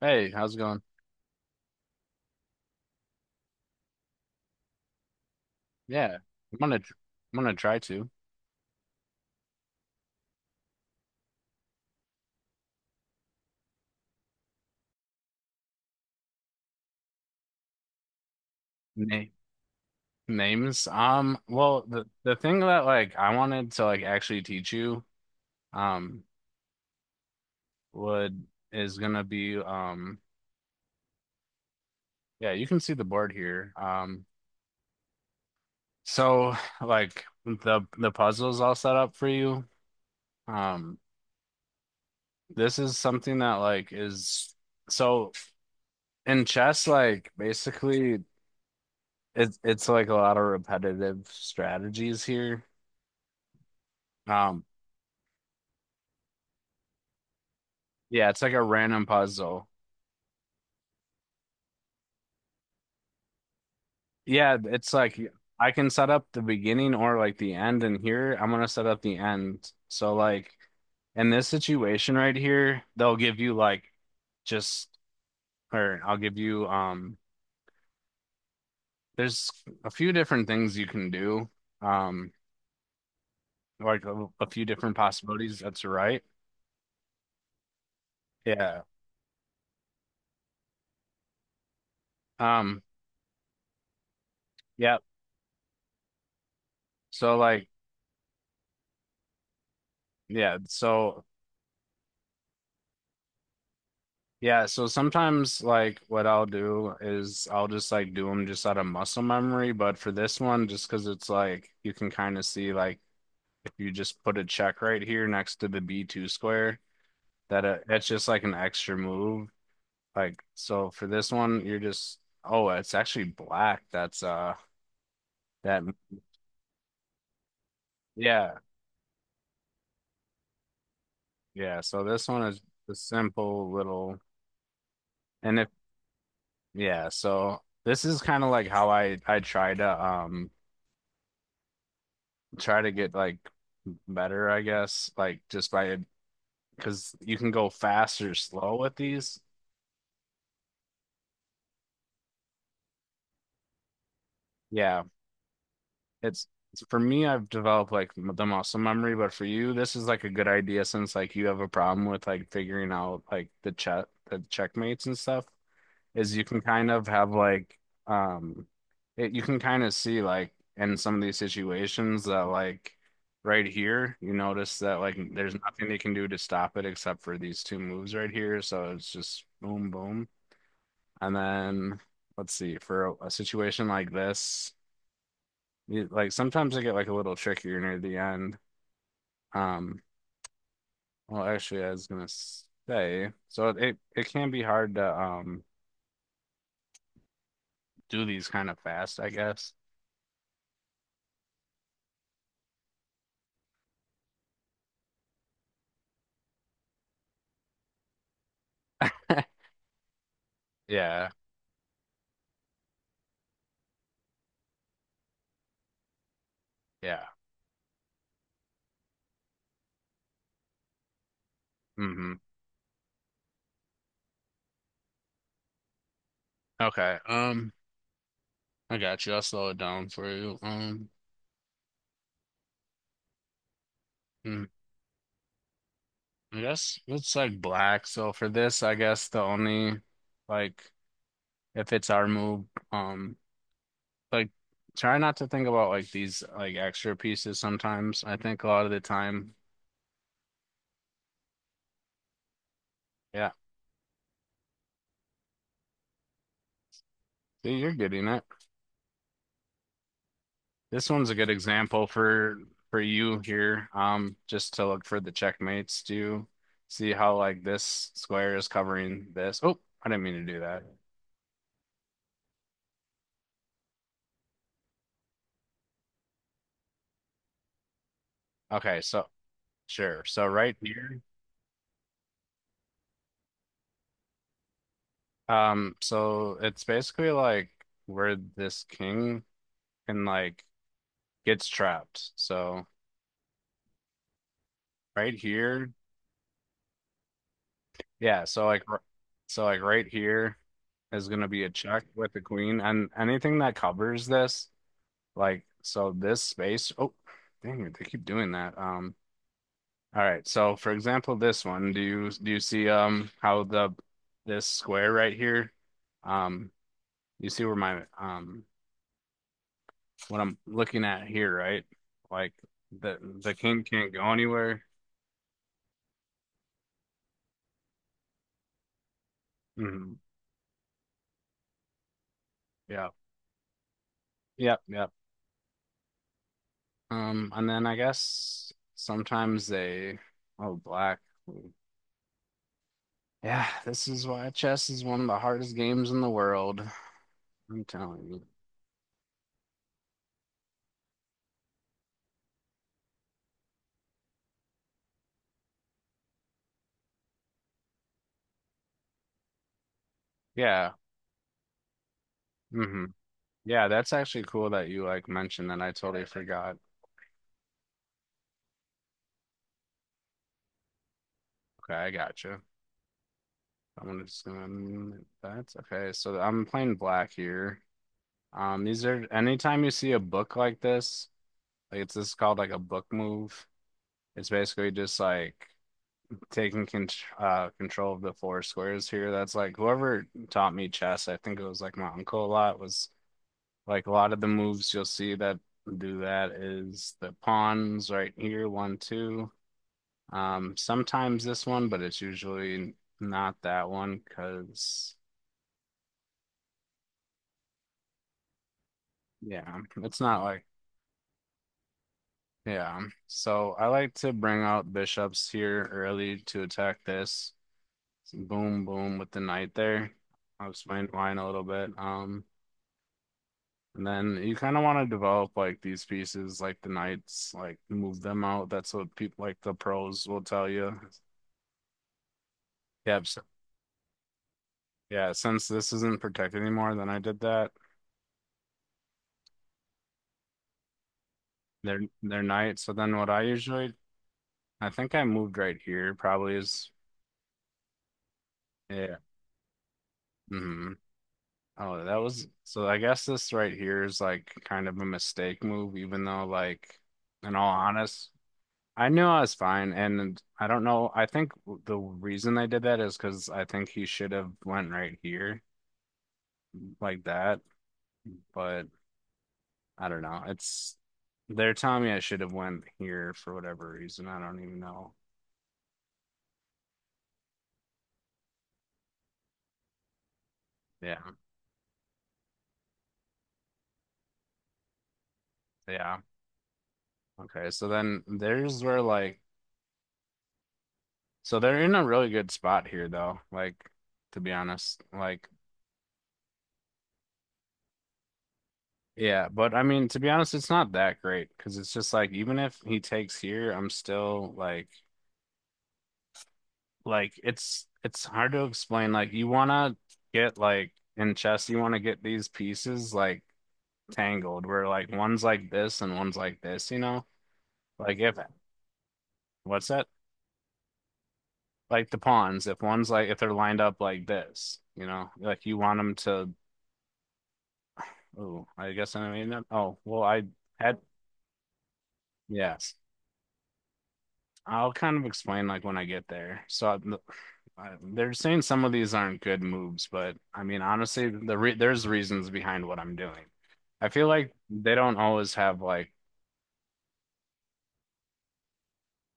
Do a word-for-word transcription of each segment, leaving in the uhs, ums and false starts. Hey, how's it going? Yeah, I'm gonna I'm gonna try to name names. Um, well, the the thing that like I wanted to like actually teach you um would is gonna be um yeah, you can see the board here. Um, so like the the puzzle's all set up for you. Um, this is something that like is so in chess like basically it's it's like a lot of repetitive strategies here. Um, Yeah, it's like a random puzzle. Yeah, it's like I can set up the beginning or like the end, and here I'm gonna set up the end. So like in this situation right here, they'll give you like just or I'll give you um there's a few different things you can do. Um like a, a few different possibilities. That's right. Yeah. Um yeah. So like yeah, so yeah, so sometimes like what I'll do is I'll just like do them just out of muscle memory, but for this one, just because it's like you can kind of see like if you just put a check right here next to the B two square, that uh, that's just like an extra move. Like so for this one, you're just oh, it's actually black. That's uh that yeah, yeah. So this one is a simple little and if yeah. So this is kind of like how I I try to um. try to get like better, I guess, like just by because you can go fast or slow with these. Yeah, it's it's- for me, I've developed like m- the muscle memory, but for you, this is like a good idea since like you have a problem with like figuring out like the check the checkmates and stuff. Is You can kind of have like um it, you can kind of see like in some of these situations that like right here you notice that like there's nothing they can do to stop it except for these two moves right here, so it's just boom boom, and then let's see for a, a situation like this, you, like sometimes they get like a little trickier near the end. um well actually I was gonna say so it it can be hard to um do these kind of fast I guess. Yeah. Yeah. Hmm. Okay. Um, I got you. I'll slow it down for you. Um, mm, I guess it's like black. So for this, I guess the only like if it's our move, um, like try not to think about like these like extra pieces sometimes. I think a lot of the time, yeah. See, you're getting it. This one's a good example for for you here. Um, just to look for the checkmates to see how like this square is covering this. Oh, I didn't mean to do that. Okay, so. Sure. So right here, um, so it's basically like where this king can like gets trapped. So right here, yeah. So like, r- so like right here is gonna be a check with the queen, and anything that covers this, like, so this space. Oh, dang it, they keep doing that. Um, all right. So for example, this one, do you do you see um how the this square right here, um, you see where my um what I'm looking at here, right? Like the the king can't go anywhere. Hmm. Yeah. Yep. Yep. Um, and then I guess sometimes they, oh, black. Yeah, this is why chess is one of the hardest games in the world. I'm telling you. Yeah. Hmm. Yeah, that's actually cool that you like mentioned that. I totally forgot. Okay, I gotcha. I'm just gonna That's okay. So I'm playing black here. Um, these are anytime you see a book like this, like it's this called like a book move. It's basically just like taking con uh, control of the four squares here. That's like whoever taught me chess, I think it was like my uncle a lot, was like a lot of the moves you'll see that do that is the pawns right here, one, two. Um, sometimes this one, but it's usually not that one because yeah, it's not like yeah. So I like to bring out bishops here early to attack this. Boom boom with the knight there. I'll explain mine a little bit. Um, and then you kind of want to develop like these pieces, like the knights, like move them out. That's what people like the pros will tell you. Yeah, yeah. Since this isn't protected anymore, then I did that. They're they're knights. So then what I usually, I think I moved right here. Probably is yeah. Hmm. Oh, that was so. I guess this right here is like kind of a mistake move, even though like in all honest. I knew I was fine, and I don't know. I think the reason they did that is because I think he should have went right here like that, but I don't know. It's they're telling me I should have went here for whatever reason. I don't even know. Yeah, yeah. Okay, so then there's where like so they're in a really good spot here though. Like to be honest, like yeah, but I mean to be honest, it's not that great because it's just like even if he takes here, I'm still like. Like it's it's hard to explain. Like you wanna get like in chess, you wanna get these pieces like tangled where like one's like this and one's like this, you know? Like if what's that? Like the pawns, if one's like if they're lined up like this, you know, like you want them to oh, I guess I mean that. Oh, well I had yes. I'll kind of explain like when I get there. So I, I- they're saying some of these aren't good moves, but I mean honestly, the re there's reasons behind what I'm doing. I feel like they don't always have like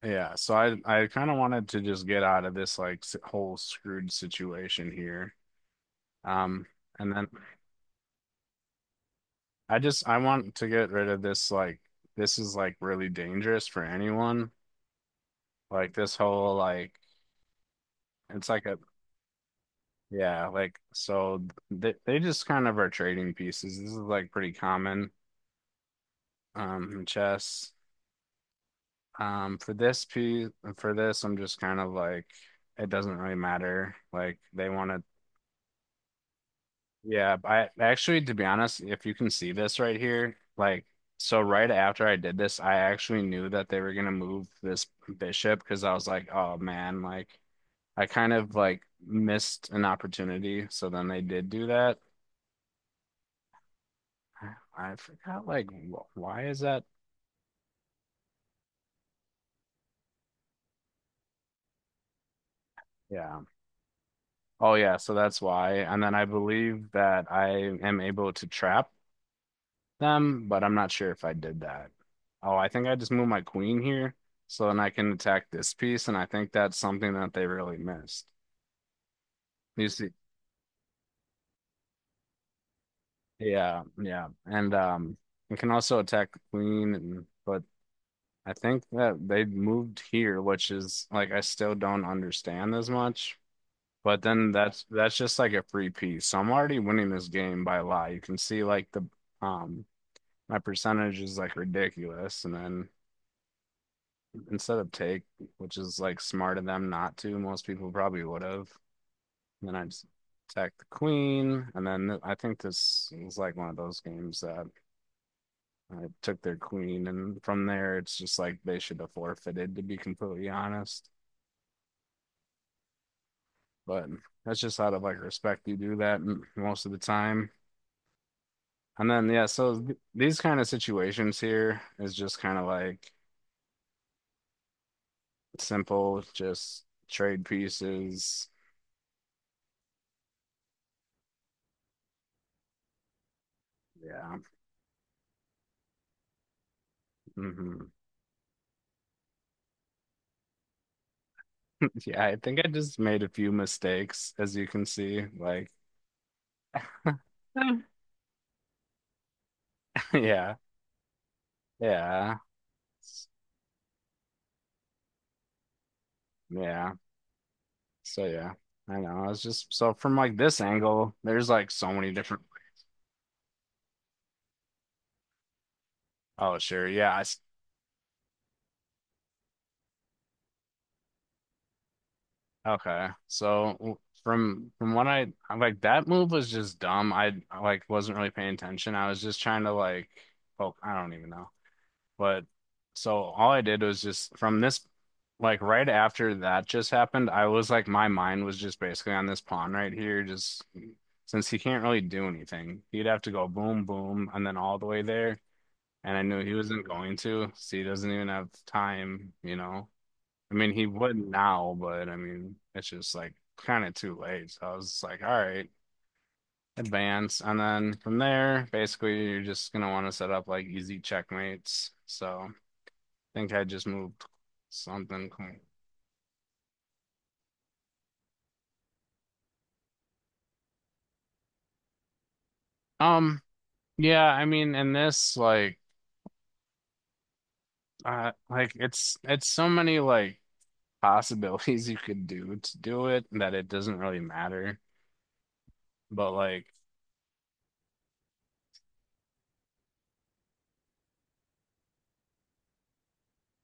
yeah, so I I kind of wanted to just get out of this like s- whole screwed situation here. Um and then I just I want to get rid of this like this is like really dangerous for anyone. Like this whole like it's like a yeah, like so they they just kind of are trading pieces. This is like pretty common um in chess. Um for this piece for this I'm just kind of like it doesn't really matter. Like they want to yeah, I actually, to be honest, if you can see this right here, like, so right after I did this, I actually knew that they were gonna move this bishop because I was like, oh man, like, I kind of like missed an opportunity. So then they did do that. I I forgot, like, wh- why is that? Yeah. Oh, yeah. So that's why. And then I believe that I am able to trap them, but I'm not sure if I did that. Oh, I think I just moved my queen here, so then I can attack this piece, and I think that's something that they really missed. You see, yeah, yeah, and um, we can also attack the queen, and, but I think that they moved here, which is like I still don't understand as much. But then that's that's just like a free piece. So I'm already winning this game by a lot. You can see like the um my percentage is like ridiculous, and then. Instead of take, which is like smart of them not to. Most people probably would have. And then I just attacked the queen, and then I think this is like one of those games that I took their queen, and from there it's just like they should have forfeited, to be completely honest. But that's just out of like respect you do that most of the time. And then yeah, so th- these kind of situations here is just kind of like simple, just trade pieces. Yeah. Hmm. Yeah, I think I just made a few mistakes, as you can see. Like, yeah, yeah, s- yeah. So, yeah, I know. I was just so from like this angle, there's like so many different. Oh, sure. Yeah. I s Okay. So w- from from what I I'm like, that move was just dumb. I I, like wasn't really paying attention. I was just trying to like poke. I don't even know. But so all I did was just from this, like right after that just happened, I was like, my mind was just basically on this pawn right here. Just since he can't really do anything, he'd have to go boom, boom, and then all the way there. And I knew he wasn't going to, so he doesn't even have time, you know. I mean, he would now, but I mean, it's just like kind of too late. So I was just like, all right, advance. And then from there, basically, you're just gonna want to set up like easy checkmates. So think I just moved something. Clean. Um, yeah, I mean, in this, like, uh, like it's it's so many like possibilities you could do to do it that it doesn't really matter. But like,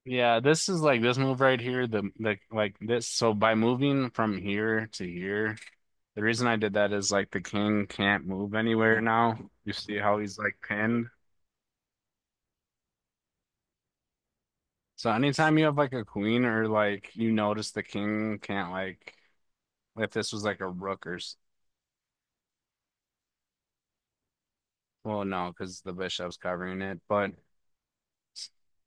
yeah, this is like this move right here, the the like this. So by moving from here to here, the reason I did that is like the king can't move anywhere now. You see how he's like pinned? So anytime you have like a queen or like you notice the king can't like if this was like a rook or well, no, because the bishop's covering it. But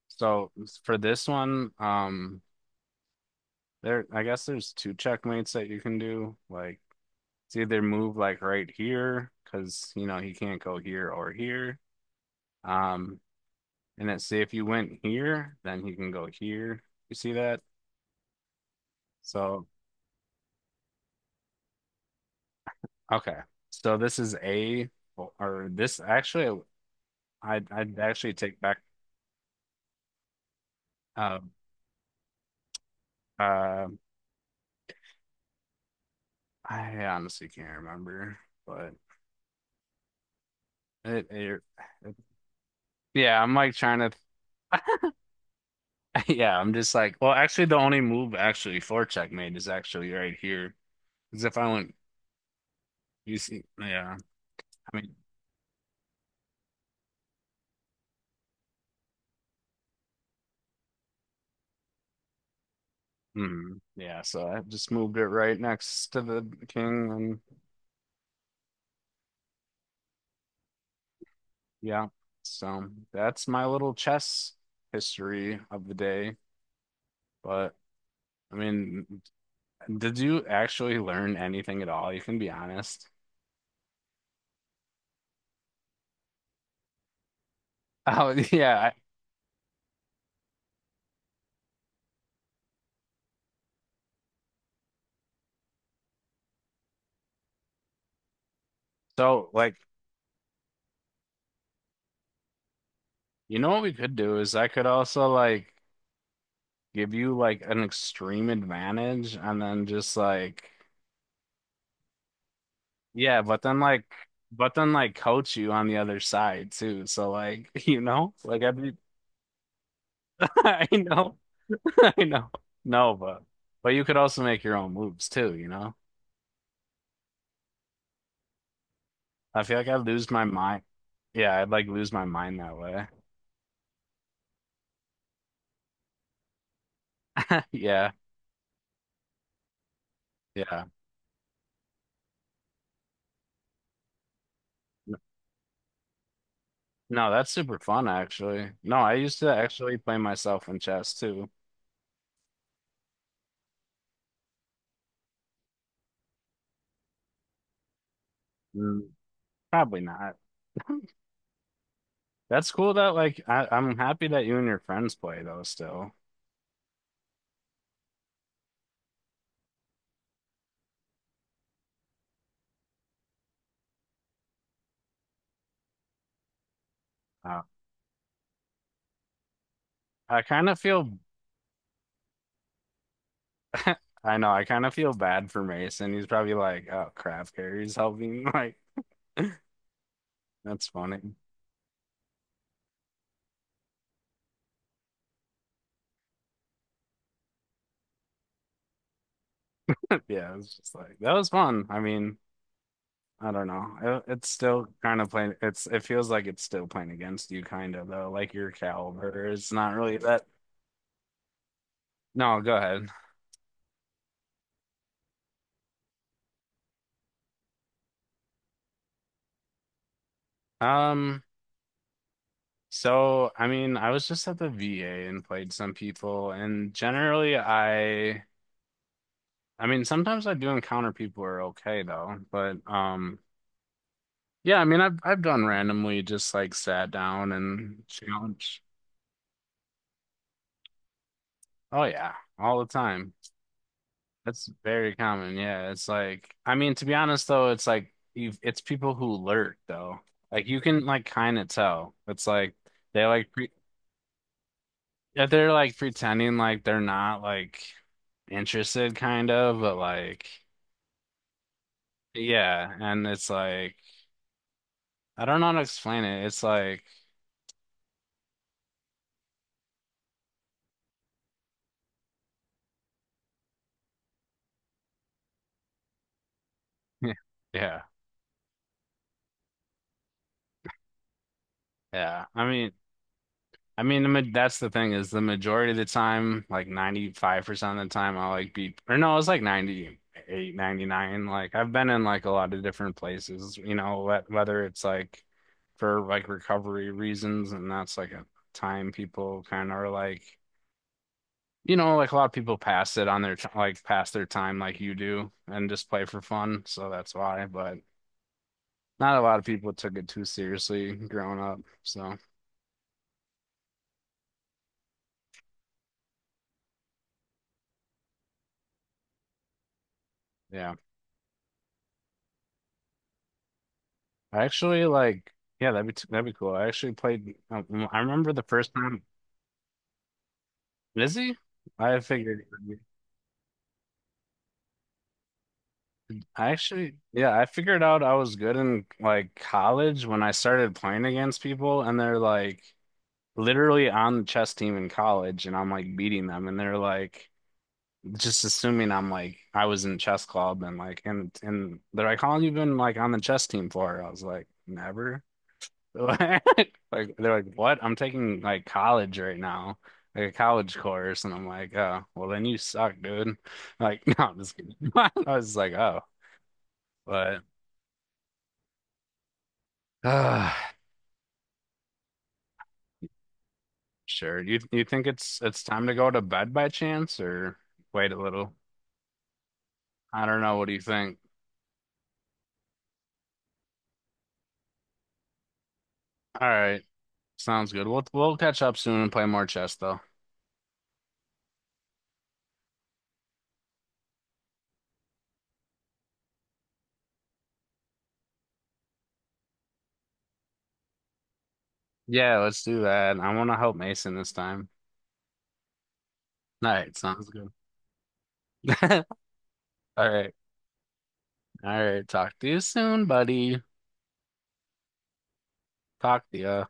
so for this one, um, there I guess there's two checkmates that you can do. Like it's either move like right here because you know he can't go here or here. Um, and then see if you went here, then he can go here. You see that? So okay, so this is a or this actually I I'd actually take back uh uh I honestly can't remember, but it, it, it- yeah, I'm like trying to, yeah, I'm just like, well, actually, the only move actually for checkmate is actually right here. Because if I went, you see, yeah, I mean, mhm, yeah, so I just moved it right next to the king, and yeah, so that's my little chess history of the day. But I mean, did you actually learn anything at all? You can be honest. Oh, yeah. I, so, like, you know what we could do is I could also like give you like an extreme advantage and then just like yeah, but then like but then like coach you on the other side too. So like you know, like I'd be I know, I know. No, but but you could also make your own moves too, you know? I feel like I'd lose my mind. Yeah, I'd like lose my mind that way. Yeah, yeah. No, that's super fun actually. No, I used to actually play myself in chess too. Mm. Probably not. That's cool that like I, I'm happy that you and your friends play though still. Uh, I kind of feel I know, I kind of feel bad for Mason. He's probably like, oh crap, Carrie's helping. Like, that's funny. Yeah, it's just like that was fun. I mean, I don't know. It, it's still kind of playing it's it feels like it's still playing against you kind of though, like your caliber. It's not really that no, go ahead. Um, so, I mean, I was just at the V A and played some people, and generally I I mean, sometimes I do encounter people who are okay though, but um yeah, I mean, I've I've done randomly just like sat down and challenge. Oh yeah, all the time. That's very common. Yeah, it's like I mean, to be honest though, it's like you it's people who lurk though. Like you can like kind of tell. It's like they like pre yeah, they're like pretending like they're not like interested, kind of, but like, yeah. And it's like, I don't know how to explain it. It's like, yeah, yeah. I mean, I mean, the, ma- that's the thing is the majority of the time, like ninety-five percent of the time, I'll like be, or no, it's like ninety eight, ninety nine. Like, I've been in like a lot of different places, you know, wh- whether it's like for like recovery reasons, and that's like a time people kind of are like, you know, like a lot of people pass it on their t- like pass their time like you do and just play for fun. So that's why. But not a lot of people took it too seriously growing up. So yeah, I actually like yeah, that'd be t- that'd be cool. I actually played. um, I remember the first time. Is he? I figured. I actually, yeah, I figured out I was good in like college when I started playing against people, and they're like literally on the chess team in college, and I'm like beating them, and they're like. Just assuming I'm like I was in chess club and like and and they're like, how long you been like on the chess team for? I was like, never. Like they're like, what? I'm taking like college right now, like a college course, and I'm like, oh, well then you suck, dude. Like, no, I'm just kidding. I was like, oh, but uh, sure. You you think it's it's time to go to bed by chance or wait a little? I don't know. What do you think? All right, sounds good. We'll we'll catch up soon and play more chess though. Yeah, let's do that. I want to help Mason this time. All right, sounds good. All right. All right. Talk to you soon, buddy. Talk to you.